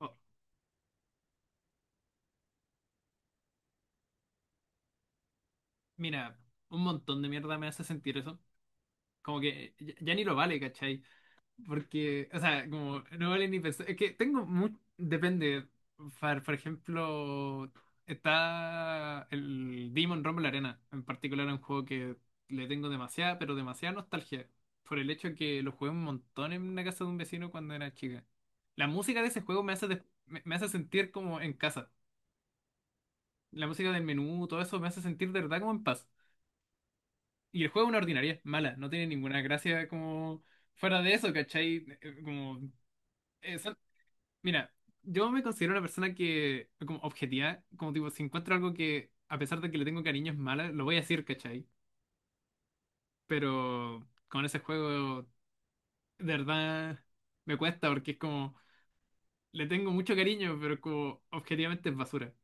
Oh, mira, un montón de mierda me hace sentir eso. Como que ya, ya ni lo vale, ¿cachai? Porque, o sea, como no vale ni pensar. Es que tengo mucho. Depende. Por ejemplo, está el Demon Rumble Arena. En particular, un juego que le tengo demasiada, pero demasiada nostalgia. Por el hecho que lo jugué un montón en una casa de un vecino cuando era chica. La música de ese juego me hace sentir como en casa. La música del menú, todo eso me hace sentir de verdad como en paz. Y el juego es una ordinaria, mala, no tiene ninguna gracia como fuera de eso, ¿cachai? Como, eh, son- mira, yo me considero una persona que, como objetiva, como tipo, si encuentro algo que, a pesar de que le tengo cariño, es mala, lo voy a decir, ¿cachai? Pero con ese juego, de verdad, me cuesta porque es como, le tengo mucho cariño, pero como, objetivamente es basura.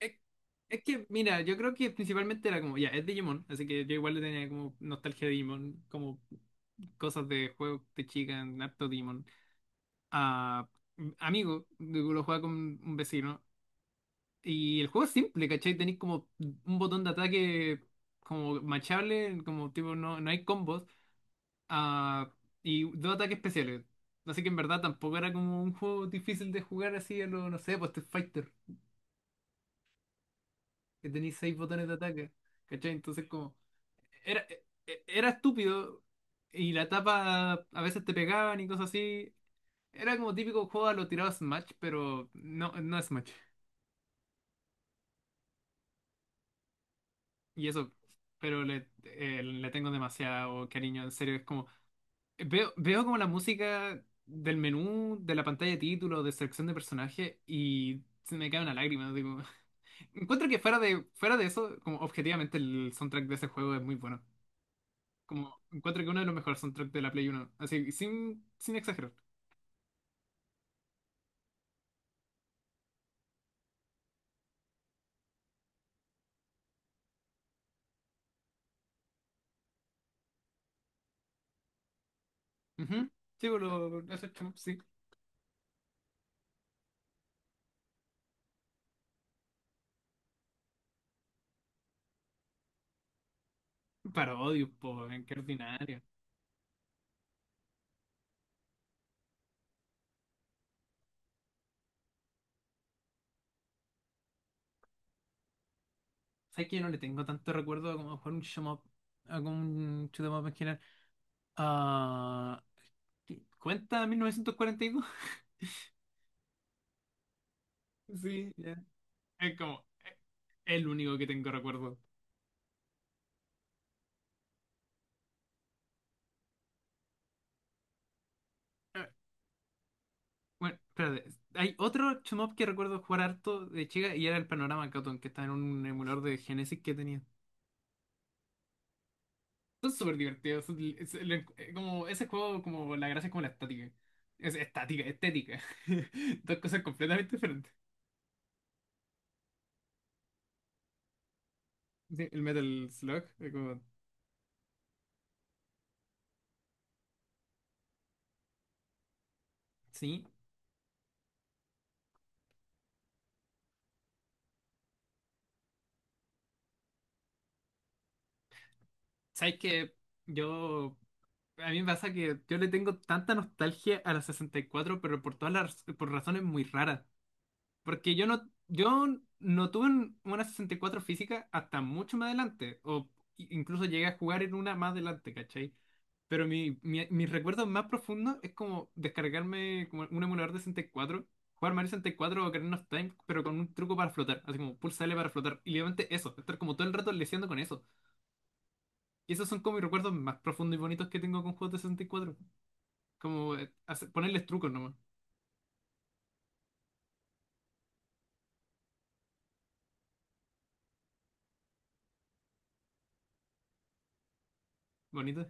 Es, es que, mira, yo creo que principalmente era como, ya, es Digimon, así que yo igual le tenía como nostalgia de Digimon, como cosas de juegos de chica, en harto Digimon. Ah, Amigo, digo, lo jugaba con un vecino. Y el juego es simple, ¿cachai? Tenéis como un botón de ataque como machable, como tipo, no, no hay combos. Ah, y dos ataques especiales. Así que en verdad tampoco era como un juego difícil de jugar así a lo, no sé, pues Street Fighter, que tenéis seis botones de ataque. ¿Cachai? Entonces, como, era, era estúpido y la tapa a veces te pegaban y cosas así. Era como típico juego a lo tirado a Smash, pero no, no es Smash. Y eso, pero le tengo demasiado cariño, en serio. Es como, veo como la música del menú, de la pantalla de título, de selección de personaje y se me cae una lágrima. Digo, encuentro que fuera de eso, como objetivamente el soundtrack de ese juego es muy bueno. Como encuentro que uno de los mejores soundtracks de la Play uno. Así, sin exagerar. Ujú. Sí, por lo, eso, sí. Parodios, po, weón, qué ordinario. ¿Sabes que yo no le tengo tanto recuerdo a como jugar un shoot 'em up, a como un shoot 'em up en general? Ah, ¿Qué? ¿Cuenta 1942? Sí, ya. Es como el único que tengo recuerdo. Eh, Bueno, espérate. Hay otro shoot 'em up que recuerdo jugar harto de chica y era el Panorama Cotton, que está en un emulador de Genesis que tenía. Son súper divertidos. Ese juego, como la gracia es como la estática. Es estática, estética. Dos cosas completamente diferentes. Sí, el Metal Slug, como, sí. ¿Sabes que Yo, a mí me pasa que yo le tengo tanta nostalgia a la 64 pero por todas las, por razones muy raras? Porque yo no, yo no tuve una 64 física hasta mucho más adelante, o incluso llegué a jugar en una más adelante, ¿cachai? Pero mis recuerdos más profundos es como descargarme como un emulador de 64, jugar Mario 64 o Ocarina of Time, pero con un truco para flotar, así como pulsa L para flotar. Y literalmente eso, estar como todo el rato leseando con eso. Y esos son como mis recuerdos más profundos y bonitos que tengo con juegos de 64. Como ponerles trucos nomás, bonitos.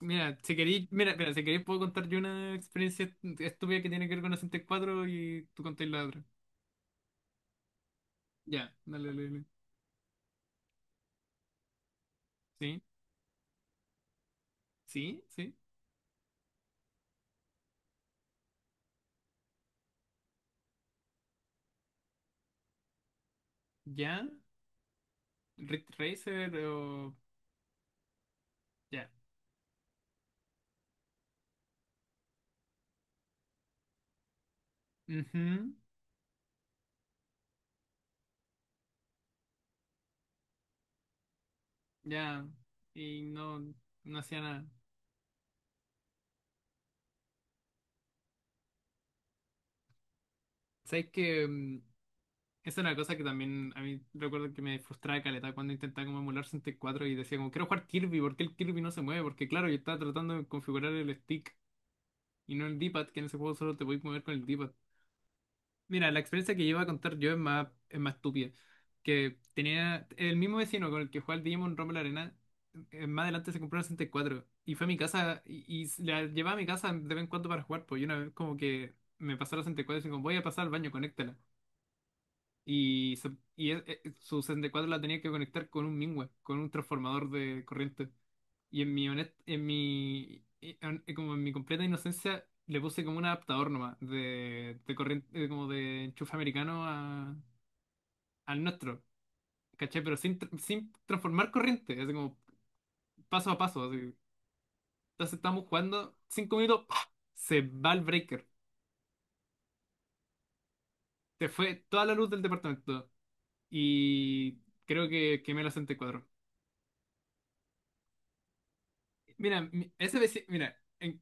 Mira, si queréis, mira, si queréis puedo contar yo una experiencia estúpida que tiene que ver con la 64 y cuatro y tú contáis la otra. Ya, dale, dale, dale. Sí, sí, sí. Ya. Rick Racer o. Ya. Ujú. Ya. Y no, no hacía nada. ¿Sabes que esa era una cosa que también a mí recuerdo que me frustraba caleta cuando intentaba como emular 64 y cuatro y decía como quiero jugar Kirby? ¿Por qué el Kirby no se mueve? Porque claro, yo estaba tratando de configurar el stick y no el D-pad, que en ese juego solo te podéis mover con el d. Mira, la experiencia que llevo a contar yo es más estúpida. Que tenía el mismo vecino con el que jugaba al Digimon Rumble Arena. Más adelante se compró una 64 y cuatro y fue a mi casa y, la llevaba a mi casa de vez en cuando para jugar. Pues y una vez como que me pasó la 64 y dijo, voy a pasar al baño, conéctala. Y, se- y su 64 la tenía que conectar con un Mingua, con un transformador de corriente. Y en mi honest- en mi, en- como en mi completa inocencia, le puse como un adaptador nomás de corriente, como de enchufe americano al nuestro, ¿cachai? Pero sin transformar corriente, así como paso a paso, así. Entonces estamos jugando, 5 minutos, ¡pah! Se va el breaker. Se fue toda la luz del departamento y creo que quemé la 64. Mira, mi- ese vecino, mira, en-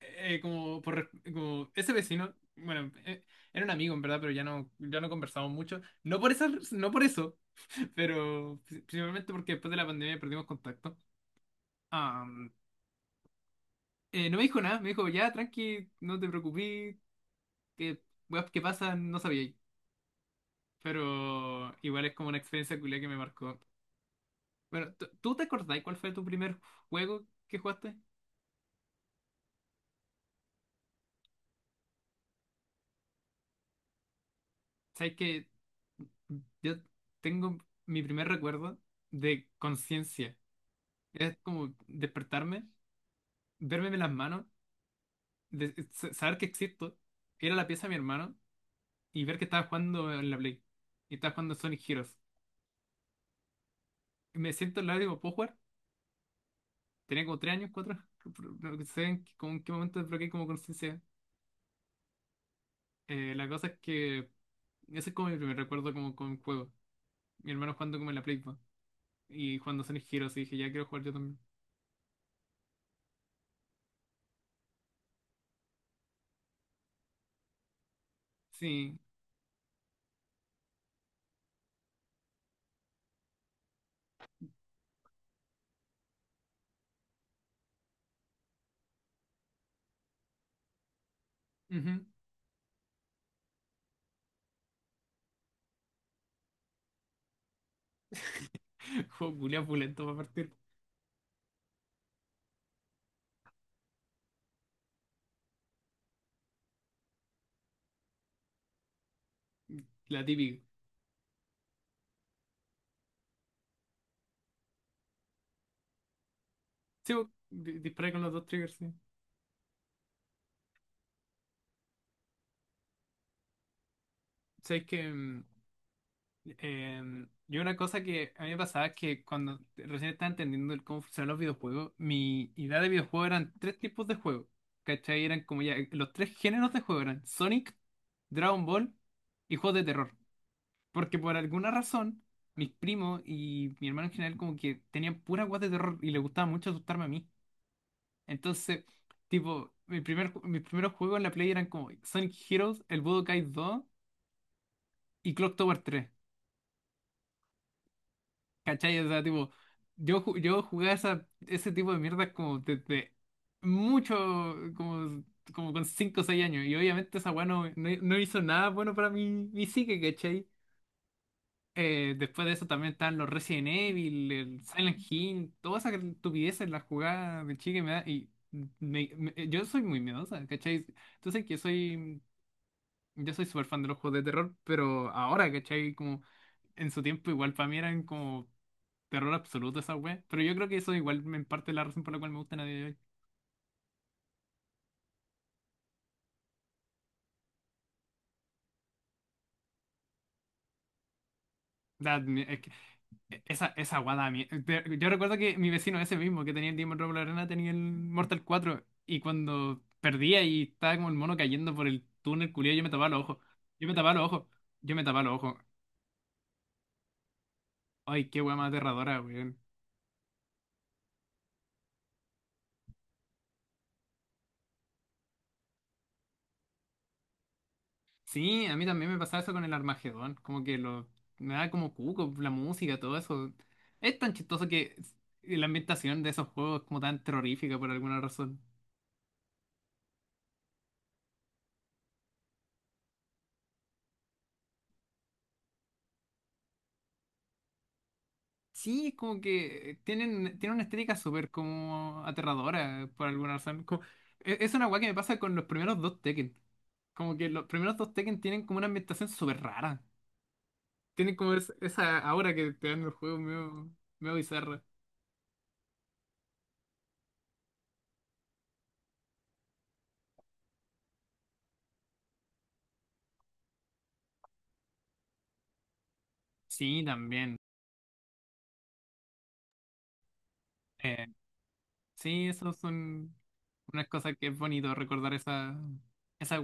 como, por, como ese vecino, bueno, era un amigo en verdad, pero ya no, conversamos mucho. No por eso, no por eso, pero principalmente porque después de la pandemia perdimos contacto. Am, no me dijo nada, me dijo, ya, tranqui, no te preocupes, que weas que pasan, no sabía. Pero igual es como una experiencia culia que me marcó. Bueno, ¿tú te acordás cuál fue tu primer juego que jugaste? Sabes que yo tengo mi primer recuerdo de conciencia. Es como despertarme, verme las manos, saber que existo, ir a la pieza de mi hermano y ver que estaba jugando en la Play. Y estaba jugando Sonic Heroes. Y me siento al lado y digo, ¿puedo jugar? Tenía como 3 años, cuatro. No sé en qué, como en qué momento desbloqueé como conciencia. La cosa es que ese es como mi primer recuerdo como con un juego. Mi hermano jugando como en la Play po, y jugando Sonic Heroes. Y dije, ya quiero jugar yo también. Sí. Ujú. Juego culiao pulento para partir. La típica. Sí, po, disparé con los dos triggers, sí. Sabes que yo una cosa que a mí me pasaba es que cuando recién estaba entendiendo el cómo funcionan los videojuegos, mi idea de videojuego eran tres tipos de juegos. ¿Cachai? Eran como ya los tres géneros de juego eran Sonic, Dragon Ball y juegos de terror. Porque por alguna razón, mis primos y mi hermano en general como que tenían pura guas de terror y les gustaba mucho asustarme a mí. Entonces, tipo, mis primeros juegos en la Play eran como Sonic Heroes, el Budokai 2 y Clock Tower 3. ¿Cachai? O sea, tipo, yo jugaba ese tipo de mierdas como desde mucho, como, como con 5 o 6 años. Y obviamente esa weá no hizo nada bueno para mi psique, ¿cachai? Después de eso también están los Resident Evil, el Silent Hill, todas esas estupideces, las jugadas de chique me da. Y yo soy muy miedosa, ¿cachai? Entonces que soy. Yo soy súper fan de los juegos de terror, pero ahora, ¿cachai? Como en su tiempo igual para mí eran como. Terror absoluto esa wea. Pero yo creo que eso igual me en parte es la razón por la cual me gusta a día de hoy. Da- me- es que e- esa wea da mie- te- Yo recuerdo que mi vecino ese mismo que tenía el Demon Robo la Arena tenía el Mortal 4 y cuando perdía y estaba como el mono cayendo por el túnel culiao, yo me tapaba los ojos. Yo me tapaba los ojos. Yo me tapaba los ojos. Ay, qué wea más aterradora, weón. Sí, a mí también me pasaba eso con el Armagedón. Como que me da como cuco, la música, todo eso. Es tan chistoso que la ambientación de esos juegos es como tan terrorífica por alguna razón. Sí, es como que tienen una estética súper como aterradora por alguna razón. Es una weá que me pasa con los primeros dos Tekken. Como que los primeros dos Tekken tienen como una ambientación súper rara. Tienen como esa aura que te dan los juegos medio bizarra. Sí, también. Eh, sí, eso son unas cosas que es bonito recordar esa